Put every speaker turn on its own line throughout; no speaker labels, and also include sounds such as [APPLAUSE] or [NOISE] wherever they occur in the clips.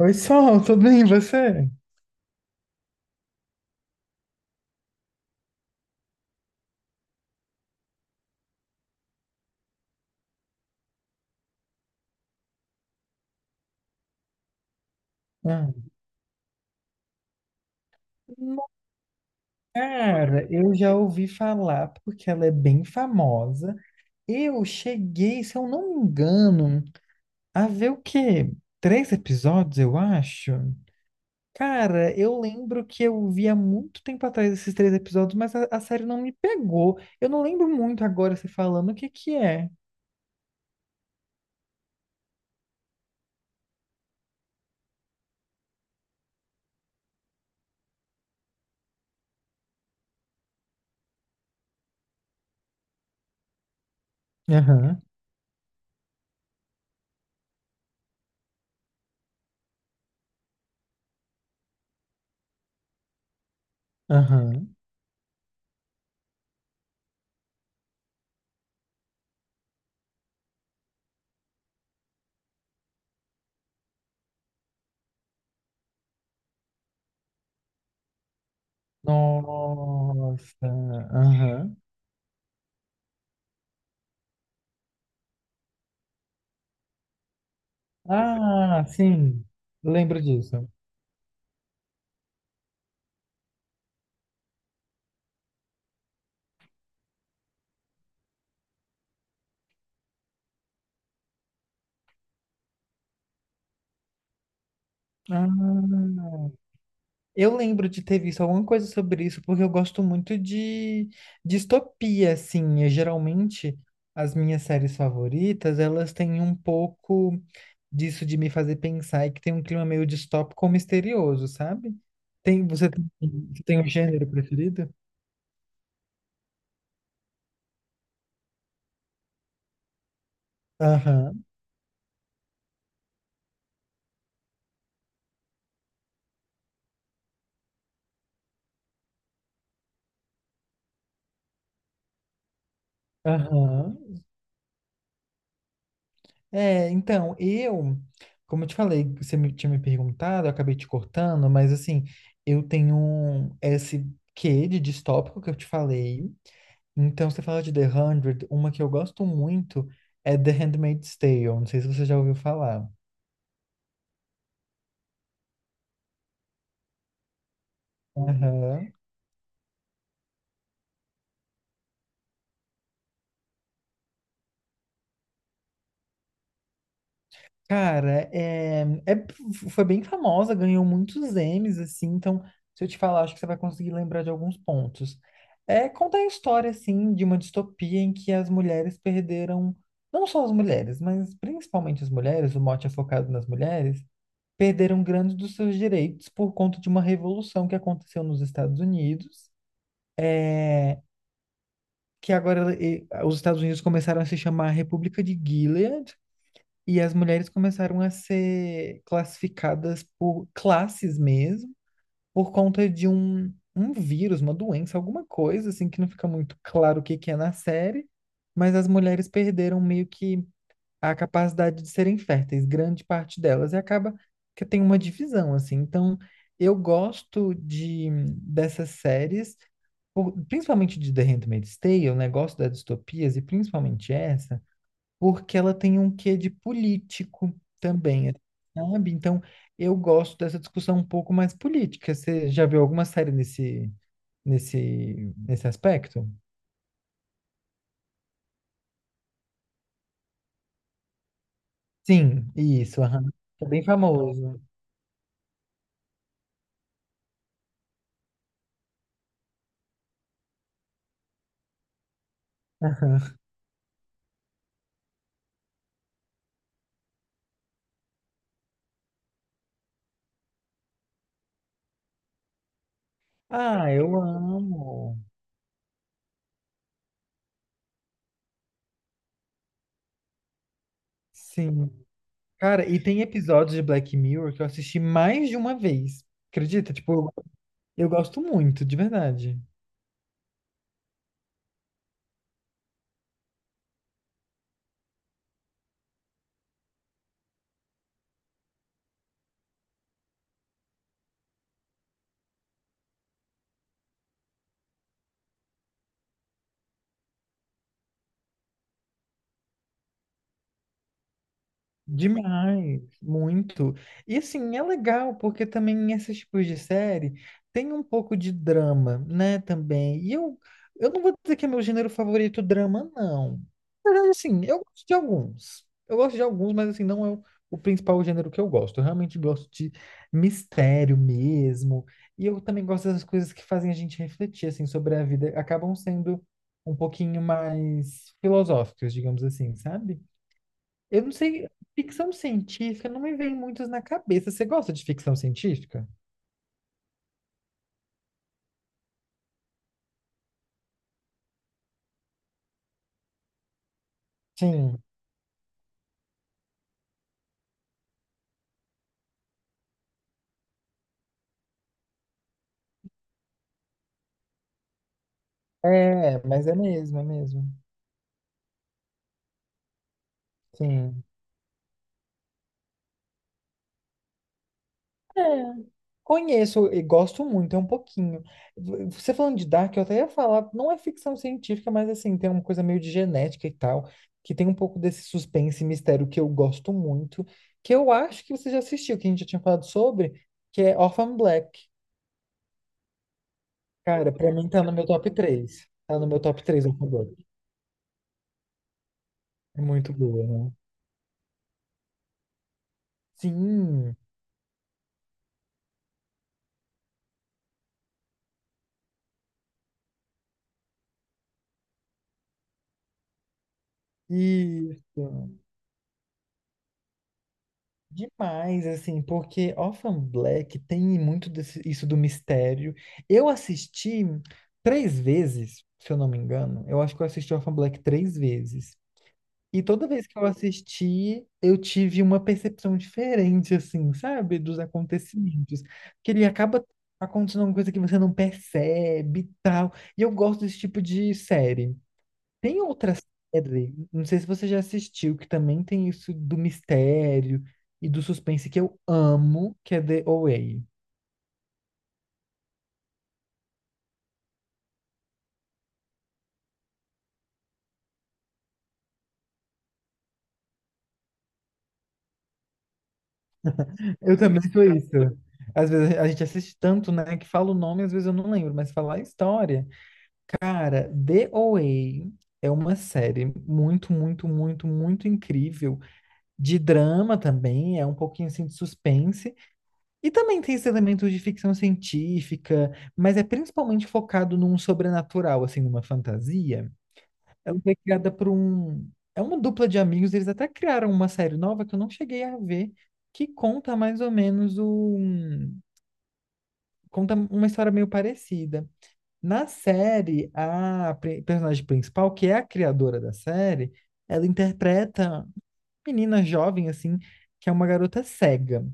Oi, Sol, tudo bem, e você? Ah, cara, eu já ouvi falar porque ela é bem famosa. Eu cheguei, se eu não me engano, a ver o quê? Três episódios, eu acho. Cara, eu lembro que eu vi há muito tempo atrás esses três episódios, mas a série não me pegou. Eu não lembro muito agora você falando o que que é. Aham, aham. Nossa, aham. Ah, sim, eu lembro disso. Ah, eu lembro de ter visto alguma coisa sobre isso, porque eu gosto muito de distopia, assim. E, geralmente, as minhas séries favoritas, elas têm um pouco disso de me fazer pensar e que tem um clima meio distópico ou misterioso, sabe? Tem, você tem, você tem um gênero preferido? Aham, aham. É, então, eu, como eu te falei, tinha me perguntado, eu acabei te cortando, mas assim, esse quê de distópico que eu te falei. Então, você fala de The Hundred, uma que eu gosto muito é The Handmaid's Tale, não sei se você já ouviu falar. Aham. Cara, é- foi bem famosa, ganhou muitos Emmys, assim, então, se eu te falar, acho que você vai conseguir lembrar de alguns pontos. É contar a história, assim, de uma distopia em que as mulheres perderam, não só as mulheres, mas principalmente as mulheres, o mote é focado nas mulheres, perderam grandes dos seus direitos por conta de uma revolução que aconteceu nos Estados Unidos, que agora eh, os Estados Unidos começaram a se chamar República de Gilead. E as mulheres começaram a ser classificadas por classes mesmo, por conta de um vírus, uma doença, alguma coisa, assim, que não fica muito claro o que que é na série, mas as mulheres perderam meio que a capacidade de serem férteis, grande parte delas, e acaba que tem uma divisão, assim. Então, eu gosto de dessas séries, por- principalmente de The Handmaid's Tale, o negócio das distopias, e principalmente essa porque ela tem um quê de político também, sabe? Então, eu gosto dessa discussão um pouco mais política. Você já viu alguma série nesse, nesse, nesse aspecto? Sim, isso, aham. É bem famoso. [LAUGHS] Ah, eu amo. Sim. Cara, e tem episódios de Black Mirror que eu assisti mais de uma vez. Acredita? Tipo, eu gosto muito, de verdade. Demais, muito. E assim, é legal, porque também esses tipos de série tem um pouco de drama, né, também. E eu não vou dizer que é meu gênero favorito drama, não. Mas assim, eu gosto de alguns. Eu gosto de alguns, mas assim, não é o principal gênero que eu gosto. Eu realmente gosto de mistério mesmo. E eu também gosto das coisas que fazem a gente refletir, assim, sobre a vida. Acabam sendo um pouquinho mais filosóficas, digamos assim, sabe? Eu não sei, ficção científica não me vem muitos na cabeça. Você gosta de ficção científica? Sim, é, mas é mesmo, é mesmo. Sim. É. Conheço e gosto muito, é um pouquinho. Você falando de Dark, eu até ia falar, não é ficção científica, mas assim, tem uma coisa meio de genética e tal, que tem um pouco desse suspense e mistério que eu gosto muito, que eu acho que você já assistiu, que a gente já tinha falado sobre, que é Orphan Black. Cara, pra mim tá no meu top 3, tá no meu top 3 Orphan Black. É muito boa, né? Sim, isso. Demais, assim, porque Orphan Black tem muito desse- isso do mistério. Eu assisti três vezes, se eu não me engano. Eu acho que eu assisti Orphan Black três vezes. E toda vez que eu assisti, eu tive uma percepção diferente, assim, sabe, dos acontecimentos. Porque ele acaba acontecendo alguma coisa que você não percebe e tal. E eu gosto desse tipo de série. Tem outra série, não sei se você já assistiu, que também tem isso do mistério e do suspense que eu amo, que é The Away. Eu também sou isso. Às vezes a gente assiste tanto, né, que fala o nome, às vezes eu não lembro, mas fala a história. Cara, The Away é uma série muito, muito, muito, muito incrível. De drama também, é um pouquinho assim de suspense. E também tem esse elemento de ficção científica, mas é principalmente focado num sobrenatural, assim, numa fantasia. Ela foi criada por um. É uma dupla de amigos, eles até criaram uma série nova que eu não cheguei a ver, que conta mais ou menos um. Conta uma história meio parecida. Na série, a personagem principal, que é a criadora da série, ela interpreta uma menina jovem, assim, que é uma garota cega.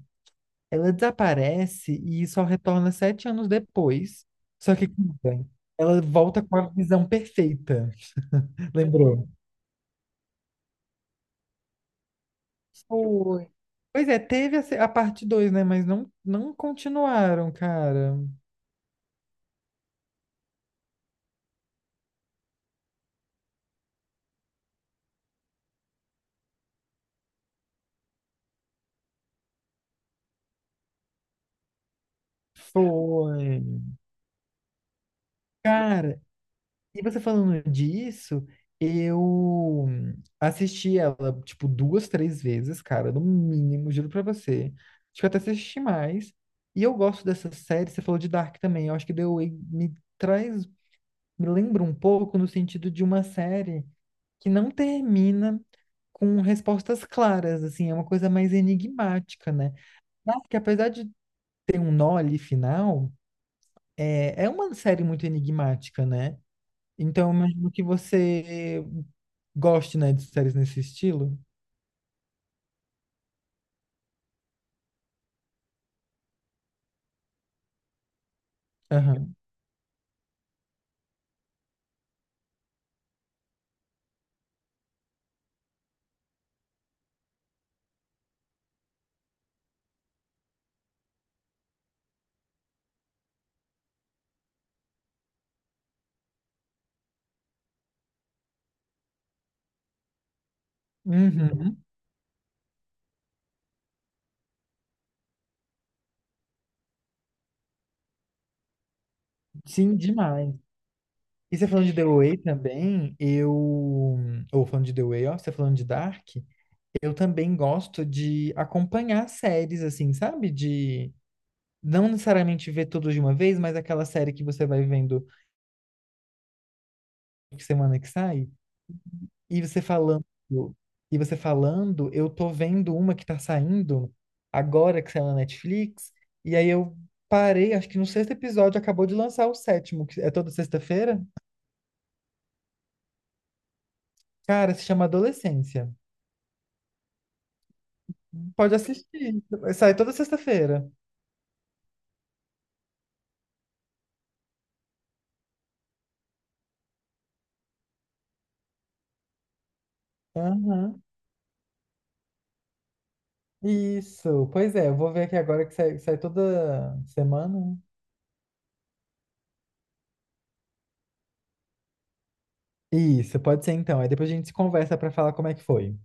Ela desaparece e só retorna 7 anos depois. Só que, cuida, ela volta com a visão perfeita, [LAUGHS] lembrou? Foi. Pois é, teve a, se- a parte dois, né? Mas não, não continuaram, cara. Foi. Cara, e você falando disso, eu assisti ela, tipo, duas, três vezes, cara, no mínimo, juro pra você. Acho que eu até assisti mais. E eu gosto dessa série, você falou de Dark também. Eu acho que The Way me traz, me lembra um pouco no sentido de uma série que não termina com respostas claras, assim, é uma coisa mais enigmática, né? Dark, apesar de tem um nó ali final, é uma série muito enigmática, né? Então, eu imagino que você goste, né, de séries nesse estilo. Aham. Uhum. Sim, demais. E você falando de The Way também, eu. Ou falando de The Way, ó, você falando de Dark, eu também gosto de acompanhar séries, assim, sabe? De não necessariamente ver tudo de uma vez, mas aquela série que você vai vendo semana que sai. E você falando, e você falando, eu tô vendo uma que tá saindo agora que saiu na Netflix, e aí eu parei, acho que no sexto episódio acabou de lançar o sétimo, que é toda sexta-feira. Cara, se chama Adolescência. Pode assistir. Sai toda sexta-feira. Aham. Isso. Pois é, eu vou ver aqui agora que sai toda semana, né? Isso, pode ser então. Aí depois a gente se conversa pra falar como é que foi.